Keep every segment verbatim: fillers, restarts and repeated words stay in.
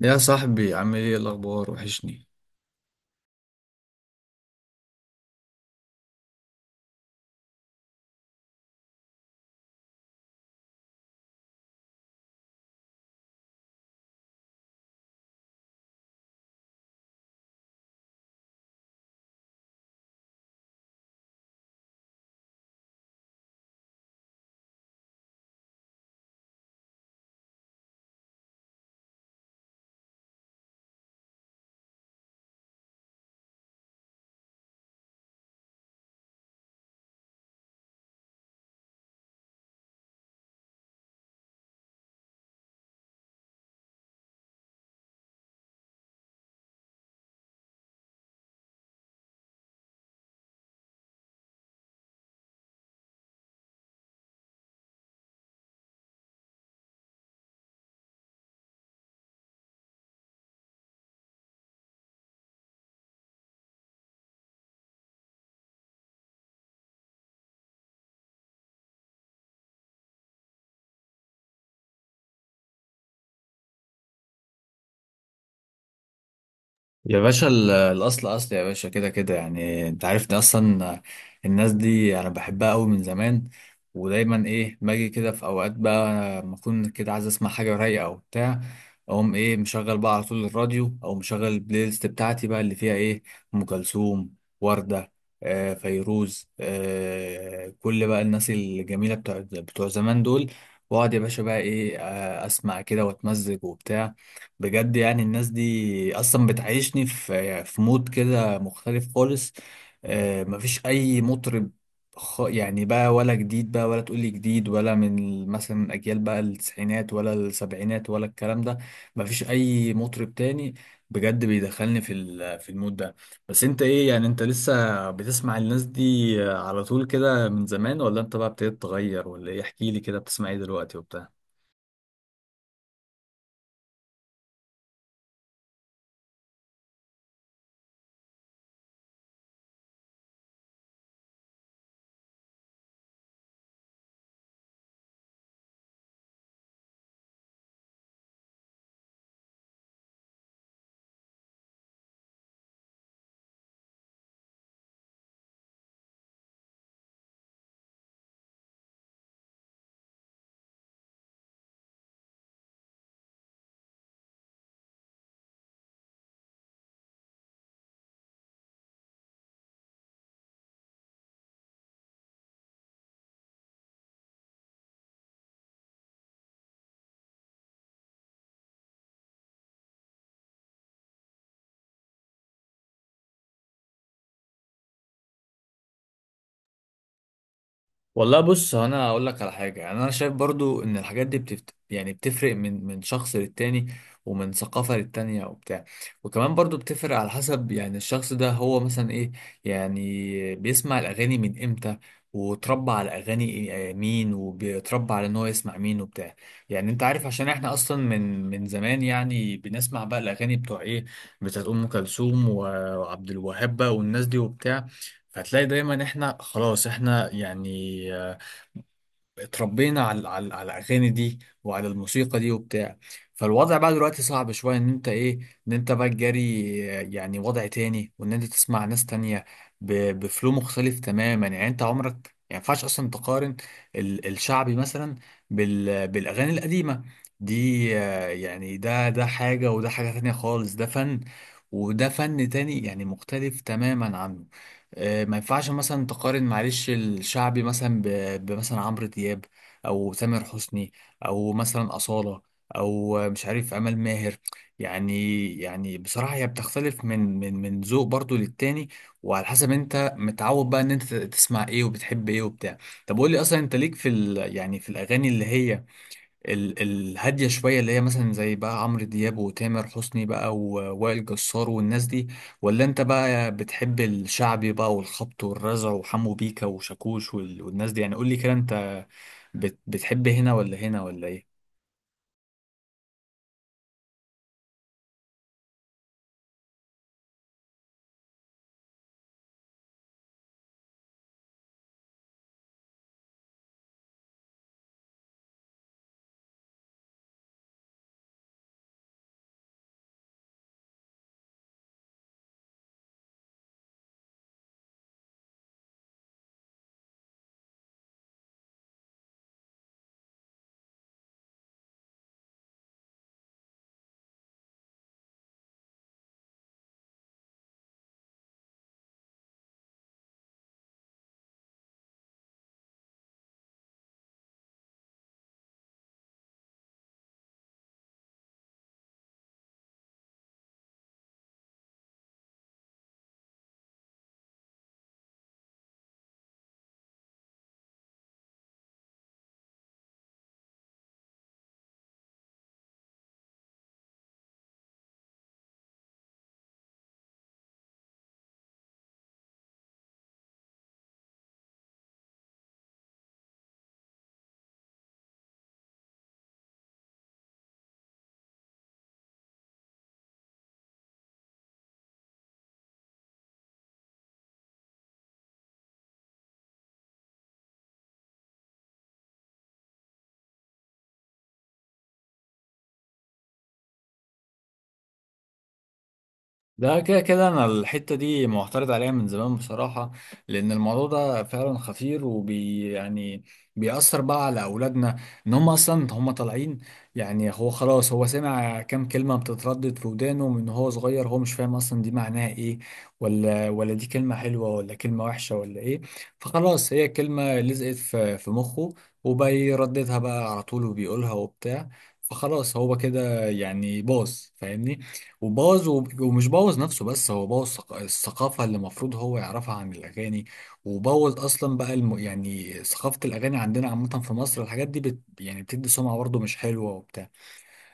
يا صاحبي، عامل ايه؟ الاخبار وحشني. يا باشا، ال- الأصل أصل يا باشا، كده كده يعني، أنت عارف ده أصلا. الناس دي أنا بحبها أوي من زمان، ودايما إيه، باجي كده في أوقات بقى لما أكون كده عايز أسمع حاجة رايقة أو بتاع. أقوم إيه، مشغل بقى على طول الراديو، أو مشغل البلاي ليست بتاعتي بقى اللي فيها إيه، أم كلثوم، وردة، آه فيروز، آه، كل بقى الناس الجميلة بتوع بتوع زمان دول. وأقعد يا باشا بقى إيه، آه، أسمع كده وأتمزج وبتاع. بجد يعني الناس دي اصلا بتعيشني في في مود كده مختلف خالص. آه، مفيش اي مطرب، خ- يعني بقى، ولا جديد بقى ولا تقولي جديد، ولا من ال- مثلا اجيال بقى التسعينات ولا السبعينات ولا الكلام ده. مفيش اي مطرب تاني بجد بيدخلني في ال- في المود ده. بس انت ايه يعني؟ انت لسه بتسمع الناس دي على طول كده من زمان، ولا انت بقى ابتديت تغير ولا ايه؟ احكي لي كده بتسمع ايه دلوقتي وبتاع. والله بص، هو انا اقول لك على حاجه، يعني انا شايف برضو ان الحاجات دي بتفت... يعني بتفرق من من شخص للتاني، ومن ثقافه للتانيه وبتاع. وكمان برضو بتفرق على حسب، يعني الشخص ده هو مثلا ايه؟ يعني بيسمع الاغاني من امتى، وتربى على اغاني إيه- آه، مين، وبيتربى على ان هو يسمع مين وبتاع. يعني انت عارف، عشان احنا اصلا من من زمان يعني بنسمع بقى الاغاني بتوع ايه، بتاعت ام كلثوم و- وعبد الوهاب بقى والناس دي وبتاع. فتلاقي دايما احنا خلاص احنا يعني، آه، اتربينا على على على الاغاني دي، وعلى الموسيقى دي وبتاع. فالوضع بقى دلوقتي صعب شويه، ان انت ايه، ان انت بقى تجاري، آه، يعني وضع تاني، وان انت تسمع ناس تانية ب- بفلو مختلف تماما. يعني انت عمرك يعني ما ينفعش اصلا تقارن ال- الشعبي مثلا بال بالاغاني القديمه دي. آه، يعني ده ده حاجه وده حاجه تانية خالص، ده فن وده فن تاني يعني مختلف تماما عنه. آه، ما ينفعش مثلا تقارن، معلش، الشعبي مثلا ب- بمثلا عمرو دياب، او تامر حسني، او مثلا أصالة، او آه، مش عارف، امال ماهر يعني. يعني بصراحة هي بتختلف من من من ذوق برضو للتاني، وعلى حسب انت متعود بقى ان انت تسمع ايه وبتحب ايه وبتاع. طب قول لي اصلا، انت ليك في ال، يعني في الاغاني اللي هي ال- الهادية شوية، اللي هي مثلا زي بقى عمرو دياب وتامر حسني بقى ووائل جسار والناس دي، ولا انت بقى بتحب الشعبي بقى والخبط والرزع وحمو بيكا وشاكوش وال- والناس دي؟ يعني قول لي كده، انت بت- بتحب هنا ولا هنا ولا ايه؟ ده كده كده انا الحته دي معترض عليها من زمان بصراحه، لان الموضوع ده فعلا خطير، وبي يعني بيأثر بقى على اولادنا. ان هم اصلا هم طالعين، يعني هو خلاص، هو سمع كام كلمه بتتردد في ودانه من هو صغير، هو مش فاهم اصلا دي معناها ايه، ولا ولا دي كلمه حلوه ولا كلمه وحشه ولا ايه. فخلاص هي كلمه لزقت في في مخه، وبيرددها بقى على طول وبيقولها وبتاع. فخلاص هو كده يعني باظ، فاهمني؟ وبوظ، وب- ومش بوظ نفسه بس، هو بوظ ثق- الثقافة اللي المفروض هو يعرفها عن الأغاني، وبوظ أصلا بقى الم... يعني ثقافة الأغاني عندنا عامة في مصر. الحاجات دي بت... يعني بتدي سمعة برضه مش حلوة وبتاع.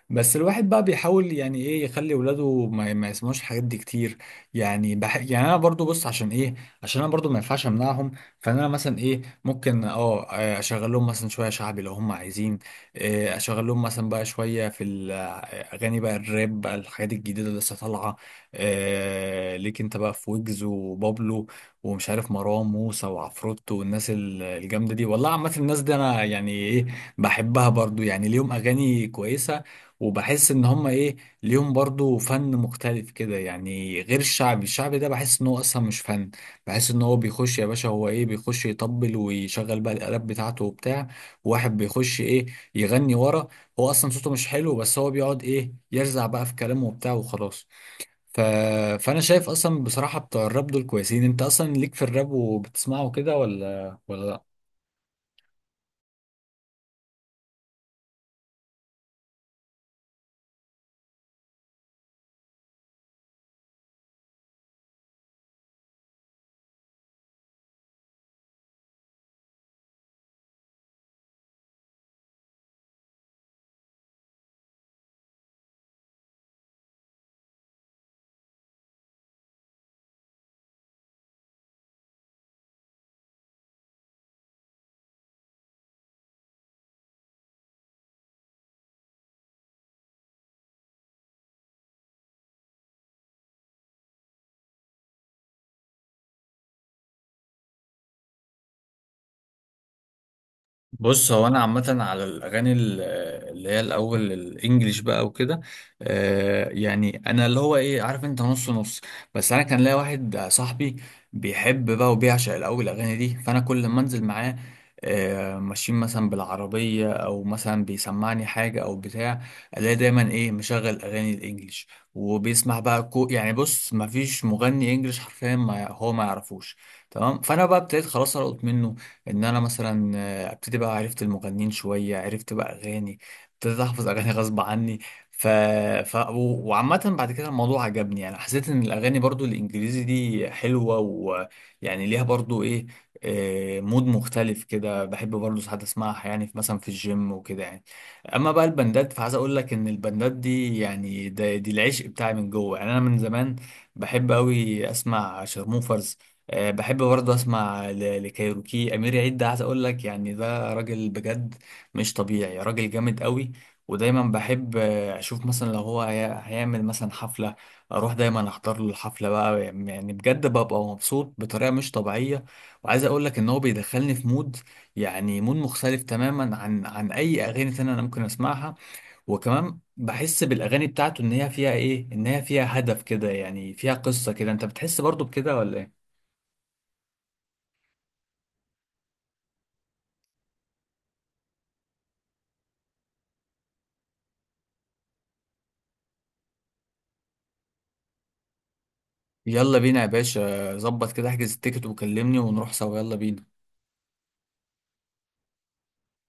بس الواحد بقى بيحاول يعني ايه يخلي ولاده ما, ما يسمعوش الحاجات دي كتير. يعني بح... يعني انا برضو بص عشان ايه، عشان انا برضو ما ينفعش امنعهم. فانا أنا مثلا ايه، ممكن اه آه، اشغل لهم مثلا شويه شعبي لو هم عايزين. آه، اشغل لهم مثلا بقى شويه في الاغاني بقى الراب بقى، الحاجات الجديده اللي لسه طالعه. آه، ليك انت بقى في ويجز وبابلو، ومش عارف مروان موسى وعفروتو والناس ال- الجامده دي. والله عامه الناس دي انا يعني ايه، بحبها برضو، يعني ليهم اغاني كويسه، وبحس ان هم ايه، ليهم برضو فن مختلف كده يعني. غير الشعبي، الشعبي ده بحس ان هو اصلا مش فن، بحس ان هو بيخش يا باشا هو ايه، بيخش يطبل ويشغل بقى الالات بتاعته وبتاع، واحد بيخش ايه يغني ورا، هو اصلا صوته مش حلو، بس هو بيقعد ايه يرزع بقى في كلامه وبتاع وخلاص. ف... فانا شايف اصلا بصراحة بتوع الراب دول كويسين. انت اصلا ليك في الراب وبتسمعه كده ولا ولا لا؟ بص هو انا عامه على الاغاني ال- اللي هي الاول الانجليش بقى وكده، آه، يعني انا اللي هو ايه، عارف انت، نص نص. بس انا كان ليا واحد صاحبي بيحب بقى وبيعشق الاول الاغاني دي، فانا كل ما انزل معاه، آه، ماشيين مثلا بالعربيه او مثلا بيسمعني حاجه او بتاع، الاقي دايما ايه، مشغل اغاني الانجليش، وبيسمع بقى كو، يعني بص ما فيش مغني انجليش حرفيا ما هو ما يعرفوش. تمام. فانا بقى ابتديت خلاص القط منه، ان انا مثلا ابتدي بقى، عرفت المغنيين شوية، عرفت بقى أغاني، ابتديت أحفظ أغاني غصب عني. ف... ف... و- وعامة بعد كده الموضوع عجبني، يعني حسيت إن الأغاني برضو الإنجليزي دي حلوة، ويعني ليها برضو إيه، آه، مود مختلف كده. بحب برضو ساعات أسمعها يعني، في مثلا في الجيم وكده يعني. أما بقى البندات فعايز أقول لك إن البندات دي يعني ده دي العشق بتاعي من جوه، يعني أنا من زمان بحب أوي أسمع شارموفرز. أه بحب برضه اسمع ل- لكايروكي. امير عيد ده عايز اقول لك يعني ده راجل بجد مش طبيعي، راجل جامد قوي. ودايما بحب آه، اشوف مثلا لو هو هي- هيعمل مثلا حفلة، اروح دايما احضر له الحفلة بقى، يعني بجد ببقى مبسوط بطريقة مش طبيعية. وعايز اقول لك ان هو بيدخلني في مود، يعني مود مختلف تماما عن عن اي اغاني تانية انا ممكن اسمعها. وكمان بحس بالاغاني بتاعته ان هي فيها ايه، ان هي فيها هدف كده يعني، فيها قصة كده، انت بتحس برضه بكده ولا إيه؟ يلا بينا يا باشا، ظبط كده، احجز التيكت وكلمني ونروح سوا، يلا بينا.